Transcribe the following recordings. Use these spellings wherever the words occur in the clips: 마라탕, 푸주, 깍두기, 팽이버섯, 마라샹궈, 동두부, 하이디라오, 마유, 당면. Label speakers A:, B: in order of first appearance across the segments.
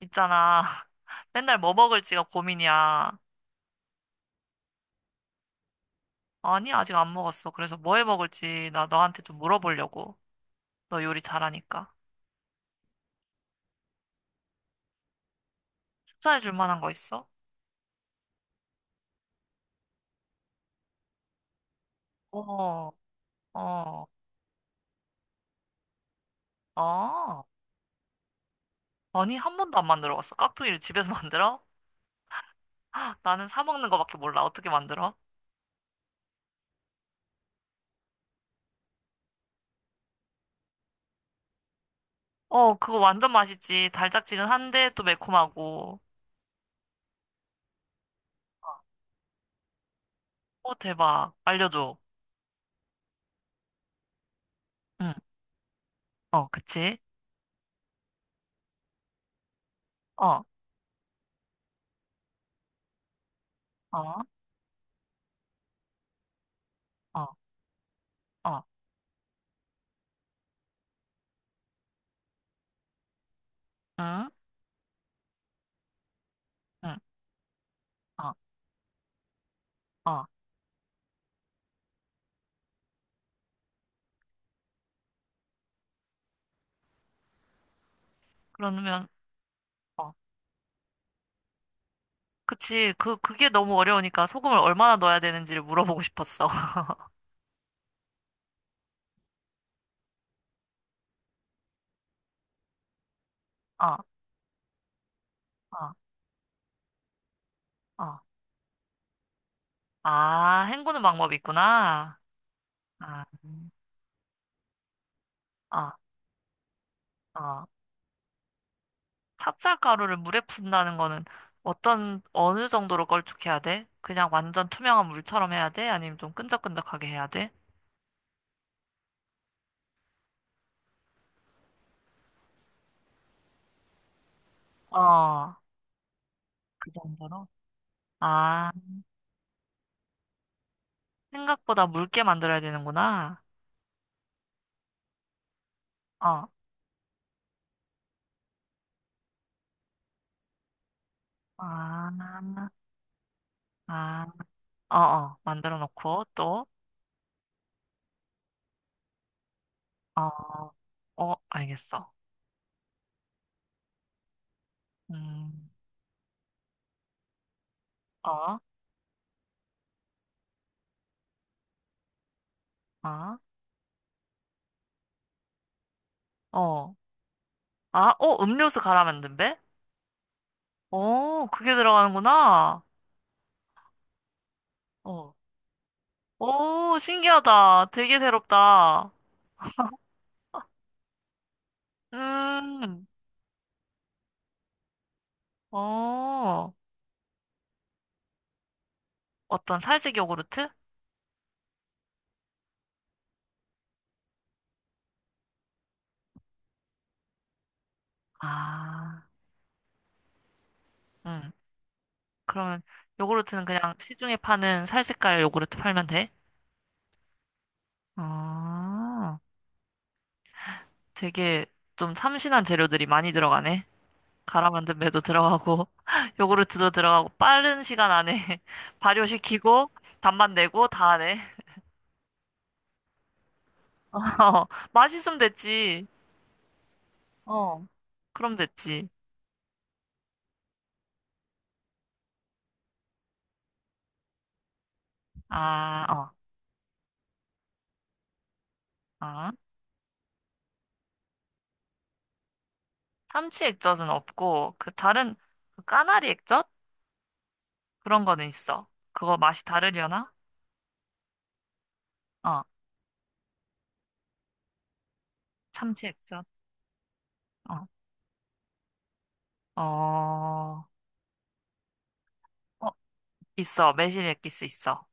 A: 있잖아. 맨날 뭐 먹을지가 고민이야. 아니, 아직 안 먹었어. 그래서 뭐 해 먹을지 나 너한테 좀 물어보려고. 너 요리 잘하니까. 추천해 줄 만한 거 있어? 어, 어, 어. 아니, 한 번도 안 만들어 봤어. 깍두기를 집에서 만들어? 나는 사 먹는 거밖에 몰라. 어떻게 만들어? 어, 그거 완전 맛있지. 달짝지근한데 또 매콤하고. 어, 대박. 알려줘. 응, 어, 그치? 어, 어, 어, 어, 응, 응, 어, 어. 그러면, 어. 그치. 그게 너무 어려우니까 소금을 얼마나 넣어야 되는지를 물어보고 싶었어. 어, 어, 어. 아, 헹구는 방법이 있구나. 아, 아, 어. 찹쌀가루를 물에 푼다는 거는 어느 정도로 걸쭉해야 돼? 그냥 완전 투명한 물처럼 해야 돼? 아니면 좀 끈적끈적하게 해야 돼? 어, 그 정도로? 아, 생각보다 묽게 만들어야 되는구나. 어, 아, 아, 어, 어. 만들어 놓고 또, 어, 어, 알겠어. 음, 아, 아, 어, 아, 어, 음료수 갈아 만든 배? 어, 그게 들어가는구나. 어, 오, 신기하다. 되게 새롭다. 음, 어, 어떤 살색 요구르트? 아, 음, 그러면 요구르트는 그냥 시중에 파는 살색깔 요구르트 팔면 돼? 아, 되게 좀 참신한 재료들이 많이 들어가네. 가라 만든 배도 들어가고 요구르트도 들어가고 빠른 시간 안에 발효시키고 단맛 내고 다 하네. 어, 맛있으면 됐지. 어, 그럼 됐지. 아, 어, 아. 참치 액젓은 없고 그 다른 그 까나리 액젓 그런 거는 있어. 그거 맛이 다르려나? 어, 참치 액젓. 어, 어, 어, 있어. 매실 액기스 있어.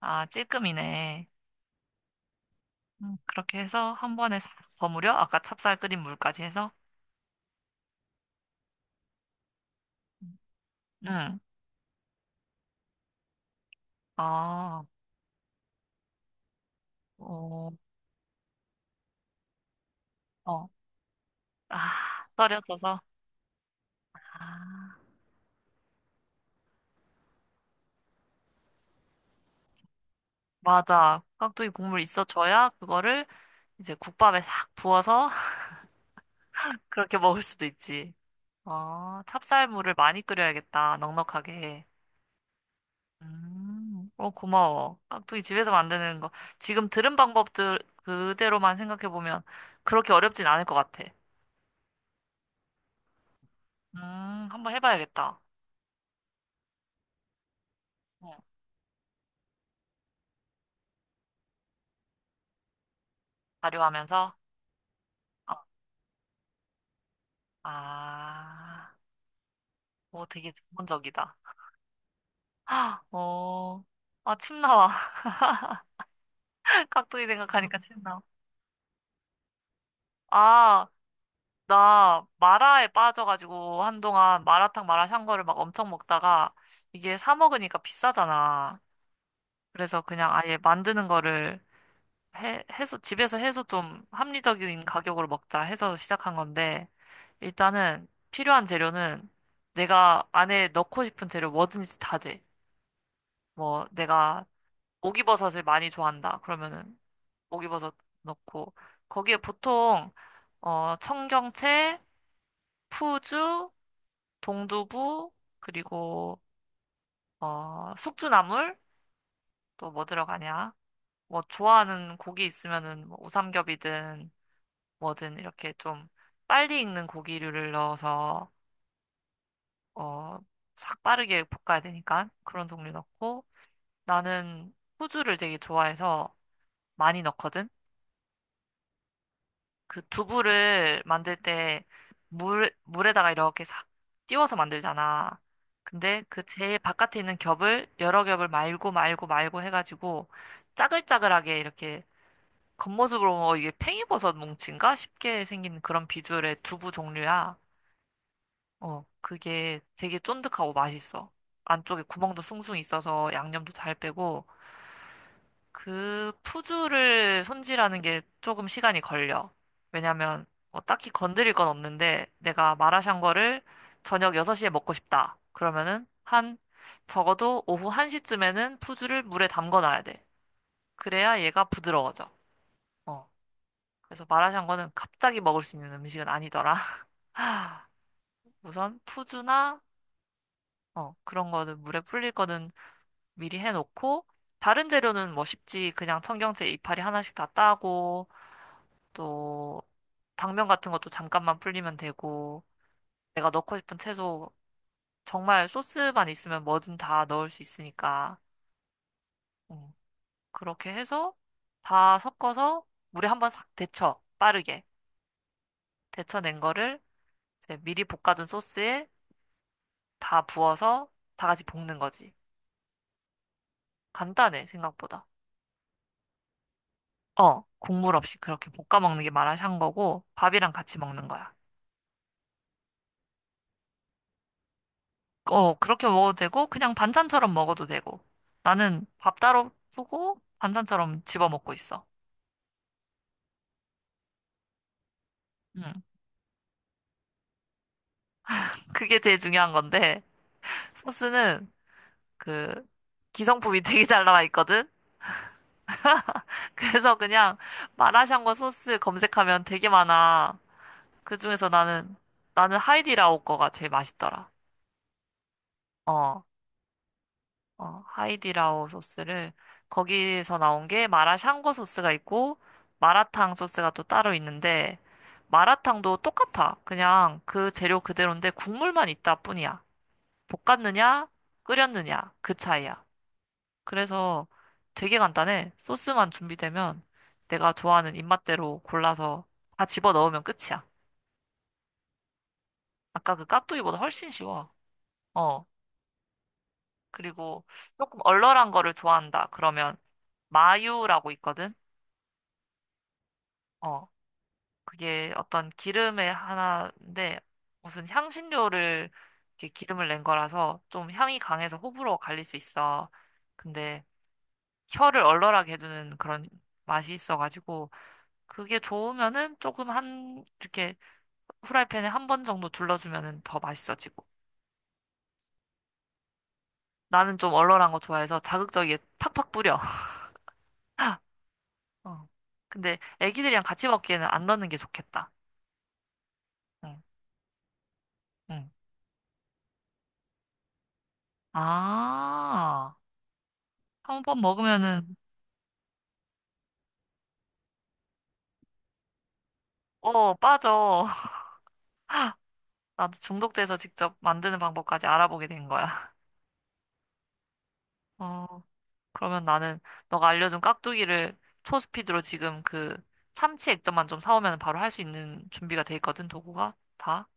A: 아, 찔끔이네. 그렇게 해서 한 번에 싹 버무려. 아까 찹쌀 끓인 물까지 해서. 응. 아, 어, 어. 아, 떨어져서. 아, 맞아. 깍두기 국물 있어줘야 그거를 이제 국밥에 싹 부어서 그렇게 먹을 수도 있지. 아, 찹쌀물을 많이 끓여야겠다. 넉넉하게. 어, 고마워. 깍두기 집에서 만드는 거. 지금 들은 방법들 그대로만 생각해보면 그렇게 어렵진 않을 것 같아. 음, 한번 해봐야겠다. 응, 발효하면서. 어, 아, 오, 되게 전문적이다. 어, 아, 침 나와. 깍두기 생각하니까 침 나와. 아, 나 마라에 빠져가지고 한동안 마라탕 마라샹궈를 막 엄청 먹다가 이게 사 먹으니까 비싸잖아. 그래서 그냥 아예 만드는 거를 해서, 집에서 해서 좀 합리적인 가격으로 먹자 해서 시작한 건데 일단은 필요한 재료는 내가 안에 넣고 싶은 재료 뭐든지 다 돼. 뭐 내가 오기버섯을 많이 좋아한다. 그러면은 오기버섯 넣고 거기에 보통 어 청경채, 푸주, 동두부 그리고 어 숙주나물 또 뭐 들어가냐? 뭐 좋아하는 고기 있으면은 뭐 우삼겹이든 뭐든 이렇게 좀 빨리 익는 고기류를 넣어서 어싹 빠르게 볶아야 되니까 그런 종류 넣고 나는 후주를 되게 좋아해서 많이 넣거든. 그 두부를 만들 때 물에다가 이렇게 싹 띄워서 만들잖아. 근데 그 제일 바깥에 있는 겹을 여러 겹을 말고 말고 말고 해가지고 짜글짜글하게 이렇게 겉모습으로 어, 이게 팽이버섯 뭉친가 싶게 생긴 그런 비주얼의 두부 종류야. 어, 그게 되게 쫀득하고 맛있어. 안쪽에 구멍도 숭숭 있어서 양념도 잘 빼고 그 푸주를 손질하는 게 조금 시간이 걸려. 왜냐면 뭐 딱히 건드릴 건 없는데 내가 마라샹궈를 저녁 6시에 먹고 싶다. 그러면은 한 적어도 오후 1시쯤에는 푸주를 물에 담궈 놔야 돼. 그래야 얘가 부드러워져. 어. 그래서 마라샹궈는 갑자기 먹을 수 있는 음식은 아니더라. 우선 푸주나 어, 그런 거는 물에 불릴 거는 미리 해놓고 다른 재료는 뭐 쉽지. 그냥 청경채 이파리 하나씩 다 따고 또 당면 같은 것도 잠깐만 불리면 되고 내가 넣고 싶은 채소 정말 소스만 있으면 뭐든 다 넣을 수 있으니까 음, 그렇게 해서 다 섞어서 물에 한번 싹 데쳐 빠르게 데쳐낸 거를 이제 미리 볶아둔 소스에 다 부어서 다 같이 볶는 거지. 간단해 생각보다. 어 국물 없이 그렇게 볶아 먹는 게 마라샹궈고 밥이랑 같이 먹는 거야. 어, 그렇게 먹어도 되고, 그냥 반찬처럼 먹어도 되고. 나는 밥 따로 푸고, 반찬처럼 집어 먹고 있어. 음, 그게 제일 중요한 건데, 소스는 그, 기성품이 되게 잘 나와 있거든? 그래서 그냥 마라샹궈 소스 검색하면 되게 많아. 그중에서 나는 하이디라오 거가 제일 맛있더라. 어, 어, 하이디라오 소스를 거기서 나온 게 마라샹궈 소스가 있고 마라탕 소스가 또 따로 있는데 마라탕도 똑같아. 그냥 그 재료 그대로인데 국물만 있다 뿐이야. 볶았느냐, 끓였느냐 그 차이야. 그래서 되게 간단해. 소스만 준비되면 내가 좋아하는 입맛대로 골라서 다 집어 넣으면 끝이야. 아까 그 깍두기보다 훨씬 쉬워. 어. 그리고 조금 얼얼한 거를 좋아한다. 그러면 마유라고 있거든. 어. 그게 어떤 기름의 하나인데 무슨 향신료를 이렇게 기름을 낸 거라서 좀 향이 강해서 호불호 갈릴 수 있어. 근데 혀를 얼얼하게 해주는 그런 맛이 있어가지고 그게 좋으면은 조금 한 이렇게 후라이팬에 한 번 정도 둘러주면은 더 맛있어지고 나는 좀 얼얼한 거 좋아해서 자극적이게 팍팍 뿌려. 어. 근데 애기들이랑 같이 먹기에는 안 넣는 게 좋겠다. 응, 응. 아, 한번 먹으면은 어 빠져. 나도 중독돼서 직접 만드는 방법까지 알아보게 된 거야. 어, 그러면 나는 너가 알려준 깍두기를 초스피드로 지금 그 참치 액젓만 좀 사오면 바로 할 수 있는 준비가 돼 있거든, 도구가 다.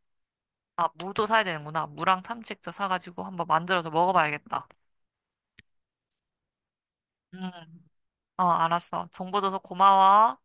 A: 아, 무도 사야 되는구나. 무랑 참치 액젓 사가지고 한번 만들어서 먹어봐야겠다. 음, 어, 알았어. 정보 줘서 고마워.